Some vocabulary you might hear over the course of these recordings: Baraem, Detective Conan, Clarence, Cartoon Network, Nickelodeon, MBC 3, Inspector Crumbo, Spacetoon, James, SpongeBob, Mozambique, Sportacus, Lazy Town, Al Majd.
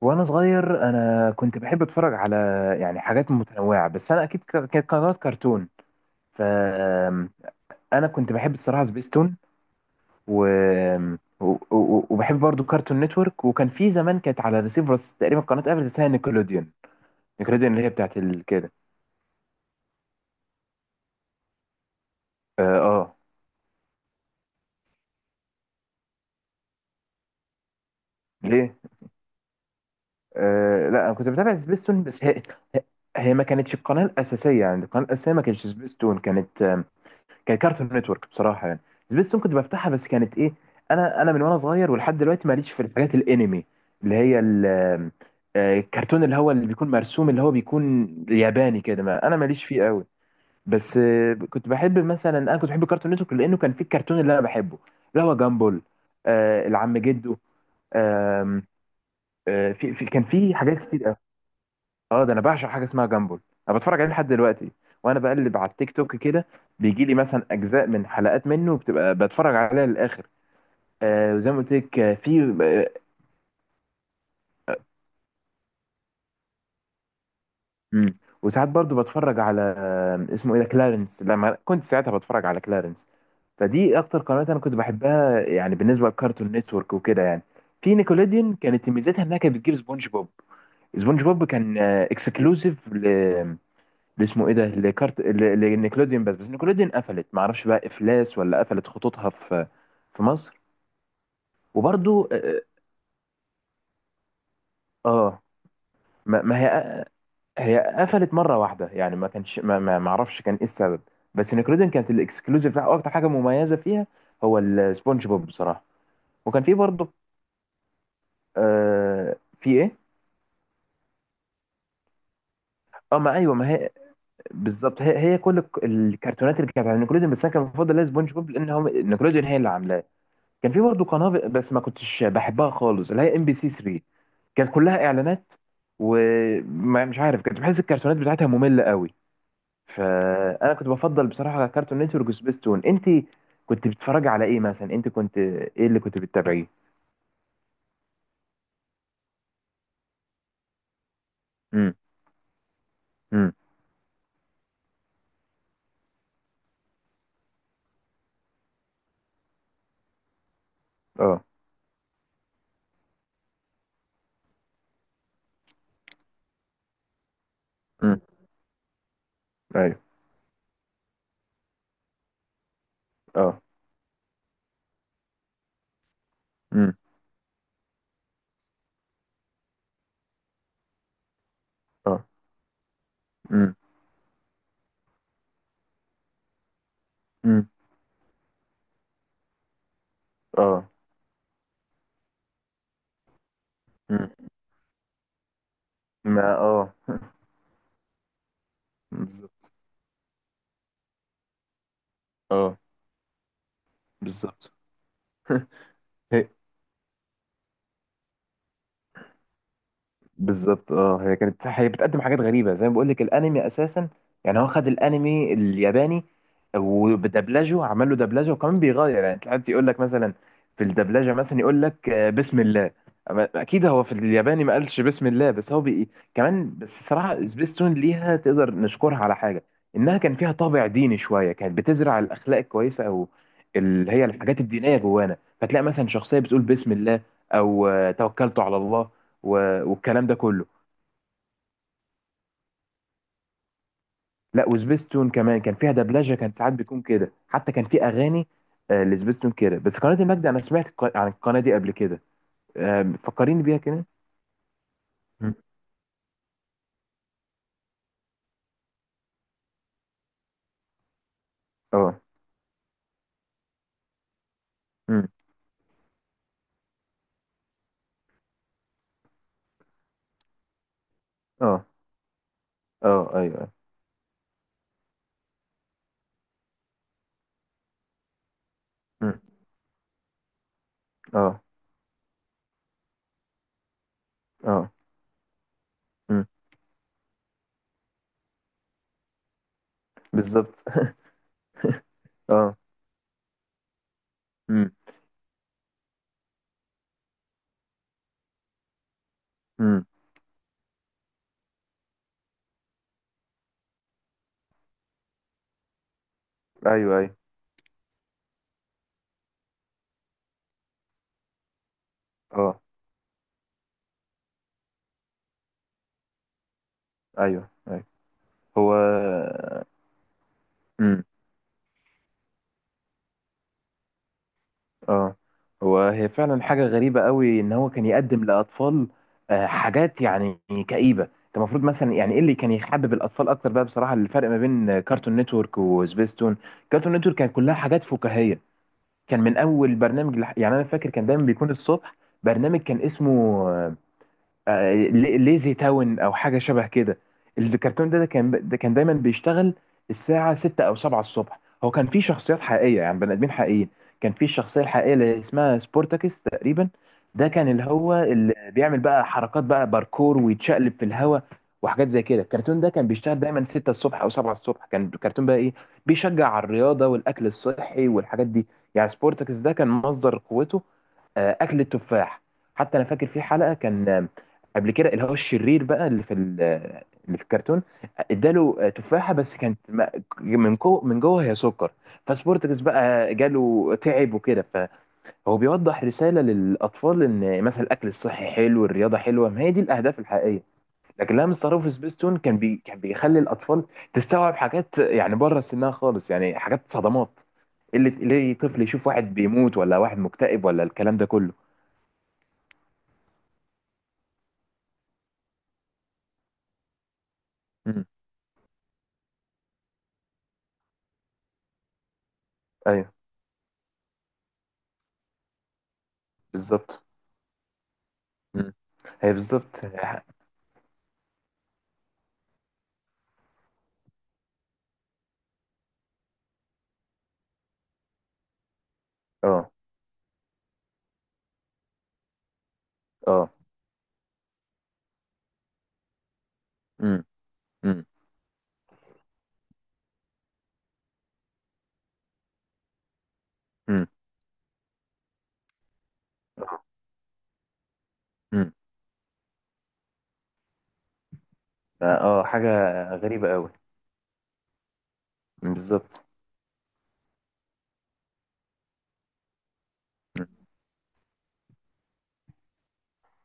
وانا صغير، انا كنت بحب اتفرج على، يعني، حاجات متنوعه. بس انا اكيد كانت قنوات كرتون. ف انا كنت بحب الصراحه سبيستون، و... وبحب برضو كارتون نتورك. وكان في زمان كانت على ريسيفر، بس تقريبا قناه قبل اسمها نيكلوديون. نيكلوديون اللي هي بتاعت كده. اه آه. ليه؟ لا، انا كنت بتابع سبيستون بس هي، ما كانتش القناه الاساسيه. يعني القناه الاساسيه ما كانتش سبيستون، كان كارتون نتورك، بصراحه، يعني. سبيستون كنت بفتحها بس كانت ايه. انا من وانا صغير ولحد دلوقتي ماليش في الحاجات الانمي، اللي هي ال- آه، الكرتون اللي هو اللي بيكون مرسوم، اللي هو بيكون ياباني كده. ما انا ماليش فيه قوي. بس كنت بحب كارتون نتورك لانه كان فيه الكرتون اللي انا بحبه، اللي هو جامبول. العم جدو. آم، آه، في في- كان فيه حاجات كتير. اه، ده انا بعشق حاجه اسمها جامبل. انا بتفرج عليه لحد دلوقتي، وانا بقلب على التيك توك كده بيجي لي مثلا اجزاء من حلقات منه بتبقى بتفرج عليها للاخر. وزي ما قلت لك، آه، في آه، مم. وساعات برضو بتفرج على، اسمه ايه ده، كلارنس. لما كنت ساعتها بتفرج على كلارنس، فدي اكتر قنوات انا كنت بحبها، يعني، بالنسبه لكارتون نتورك وكده، يعني. في نيكوليديان كانت ميزتها انها كانت بتجيب سبونج بوب. سبونج بوب كان اكسكلوسيف، اللي اسمه ايه ده، لنيكلوديون. بس نيكلوديون قفلت، ما اعرفش بقى افلاس ولا قفلت خطوطها في مصر. وبرضو آه، آه، ما هي هي قفلت مره واحده، يعني ما كانش، ما اعرفش كان ايه السبب. بس نيكلوديون كانت الاكسكلوزيف بتاعه، اكتر حاجه مميزه فيها هو السبونج بوب، بصراحه. وكان في برضو، آه في ايه؟ اه، ما ايوه، ما هي بالظبط. هي كل الكرتونات اللي كانت على نيكلوديون، بس انا كان المفضل ليا سبونج بوب لان هو نيكلوديون هي اللي عاملاها. كان في برضه قناه بس ما كنتش بحبها خالص، اللي هي ام بي سي 3. كانت كلها اعلانات، ومش عارف، كنت بحس الكرتونات بتاعتها ممله قوي. فانا كنت بفضل بصراحه على كارتون نتورك وسبيستون. انت كنت بتتفرجي على ايه مثلا؟ انت كنت ايه اللي كنت بتتابعيه؟ امم. امم. اه. امم. ايوه. اه. امم. اه. امم. امم. اه. امم. ما اه بالظبط. اه. بالظبط. بالظبط. اه. هي بتقدم حاجات غريبه، زي ما بقول لك، الانمي اساسا. يعني هو خد الانمي الياباني، وبدبلجه، عمل له دبلجه، وكمان بيغير. يعني ساعات يقول لك مثلا في الدبلجه، مثلا يقول لك بسم الله. أما اكيد هو في الياباني ما قالش بسم الله. بس هو كمان. بس صراحه سبيستون ليها، تقدر نشكرها على حاجه، انها كان فيها طابع ديني شويه، كانت بتزرع الاخلاق الكويسه، او اللي هي الحاجات الدينيه، جوانا. فتلاقي مثلا شخصيه بتقول بسم الله، او توكلت على الله، والكلام ده كله. لا، وسبيستون كمان كان فيها دبلجه، كانت ساعات بيكون كده، حتى كان في اغاني، لسبيستون كده. بس قناه المجد انا سمعت عن القناه دي قبل كده. فكريني بيها كده. مم. اه. مم. اه. اه. ايوه. مم. اه. اه. مم. بالظبط. اه. مم. مم. ايوه ايوه. اه. ايوه ايوه. هو اه هو هي فعلا حاجة غريبة قوي، ان هو كان يقدم لأطفال حاجات، يعني، كئيبة. انت المفروض، مثلا، يعني ايه اللي كان يحبب الأطفال اكتر بقى؟ بصراحة الفرق ما بين كارتون نتورك وسبيستون، كارتون نتورك كانت كلها حاجات فكاهية. كان من اول برنامج يعني انا فاكر كان دايما بيكون الصبح برنامج كان اسمه آه، ليزي تاون او حاجه شبه كده. الكرتون ده، ده كان دايما بيشتغل الساعه 6 او 7 الصبح. هو كان فيه شخصيات حقيقيه، يعني بني ادمين حقيقيين. كان فيه الشخصيه الحقيقيه اللي اسمها سبورتاكس، تقريبا. ده كان اللي هو اللي بيعمل بقى حركات بقى، باركور، ويتشقلب في الهواء وحاجات زي كده. الكرتون ده كان بيشتغل دايما 6 الصبح او 7 الصبح. كان الكرتون بقى ايه، بيشجع على الرياضه والاكل الصحي والحاجات دي. يعني سبورتاكس ده كان مصدر قوته اكل التفاح. حتى انا فاكر في حلقه، كان قبل كده اللي هو الشرير بقى اللي اللي في الكرتون، اداله تفاحه بس كانت، من جوه، من جوه هي سكر. فسبورتكس بقى جاله تعب وكده، فهو بيوضح رساله للاطفال ان مثلا الاكل الصحي حلو، الرياضه حلوه، ما هي دي الاهداف الحقيقيه. لكن لما مستر في سبيستون، كان كان بيخلي الاطفال تستوعب حاجات يعني بره سنها خالص، يعني حاجات صدمات. اللي ليه طفل يشوف واحد بيموت، ولا واحد مكتئب، ولا الكلام ده كله. مم. ايوه. بالظبط. مم. هي بالظبط. اه. اه. امم. امم. امم. امم. اه، حاجة غريبة قوي. بالظبط. مم.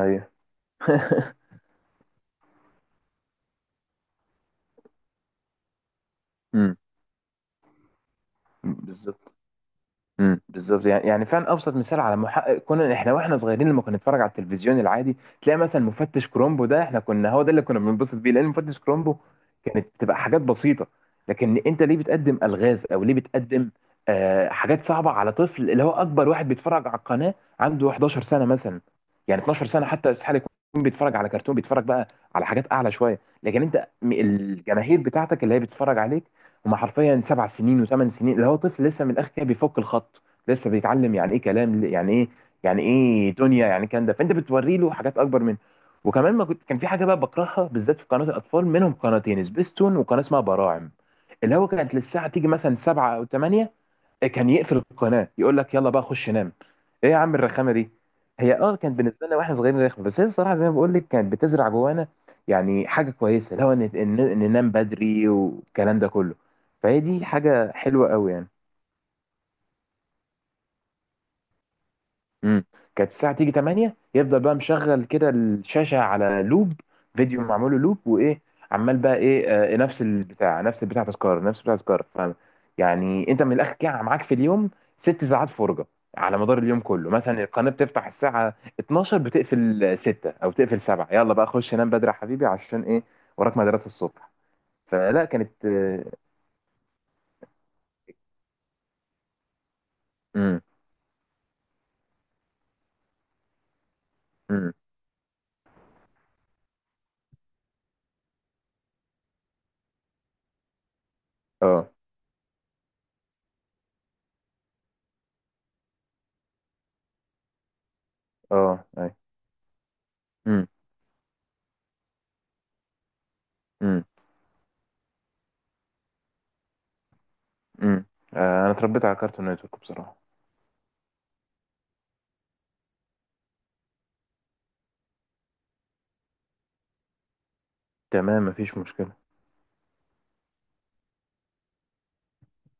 ايوه. امم. بالظبط. امم. بالظبط. يعني فعلا ابسط مثال على محقق كونان. احنا واحنا صغيرين لما كنا نتفرج على التلفزيون العادي، تلاقي مثلا مفتش كرومبو ده، احنا كنا، هو ده اللي كنا بننبسط بيه، لان مفتش كرومبو كانت بتبقى حاجات بسيطه. لكن انت ليه بتقدم الغاز او ليه بتقدم حاجات صعبه على طفل؟ اللي هو اكبر واحد بيتفرج على القناه عنده 11 سنه مثلا، يعني 12 سنه. حتى استحاله يكون بيتفرج على كرتون، بيتفرج بقى على حاجات اعلى شويه. لكن انت، الجماهير بتاعتك اللي هي بتتفرج عليك هما حرفيا 7 سنين و8 سنين، اللي هو طفل لسه من الاخر كده، بيفك الخط لسه، بيتعلم يعني ايه كلام، يعني ايه، يعني ايه دنيا، يعني كان ده. فانت بتوري له حاجات اكبر منه. وكمان ما كنت كان في حاجه بقى بكرهها بالذات في قناه الاطفال، منهم قناتين، سبيستون وقناه اسمها براعم، اللي هو كانت للساعه تيجي مثلا 7 او 8، كان يقفل القناه يقول لك يلا بقى خش نام. ايه يا عم الرخامه دي؟ هي، كانت بالنسبه لنا واحنا صغيرين رخمه، بس هي الصراحه زي ما بقول لك كانت بتزرع جوانا يعني حاجه كويسه، لو ان إن ننام بدري والكلام ده كله. فهي دي حاجه حلوه قوي، يعني. امم كانت الساعة تيجي 8 يفضل بقى مشغل كده الشاشة على لوب، فيديو معمول له لوب. وإيه، عمال بقى إيه، نفس البتاع، نفس البتاع تذكار، نفس البتاع تذكار. يعني أنت من الآخر كده معاك في اليوم 6 ساعات فرجة على مدار اليوم كله. مثلا القناة بتفتح الساعة 12 بتقفل 6 أو تقفل 7. يلا بقى خش نام بدري يا حبيبي عشان إيه؟ وراك مدرسة الصبح. فلا كانت امم. امم. اه. اه. أي. امم. امم. امم. انا اتربيت على كارتون نتورك، بصراحة. تمام، مفيش مشكلة.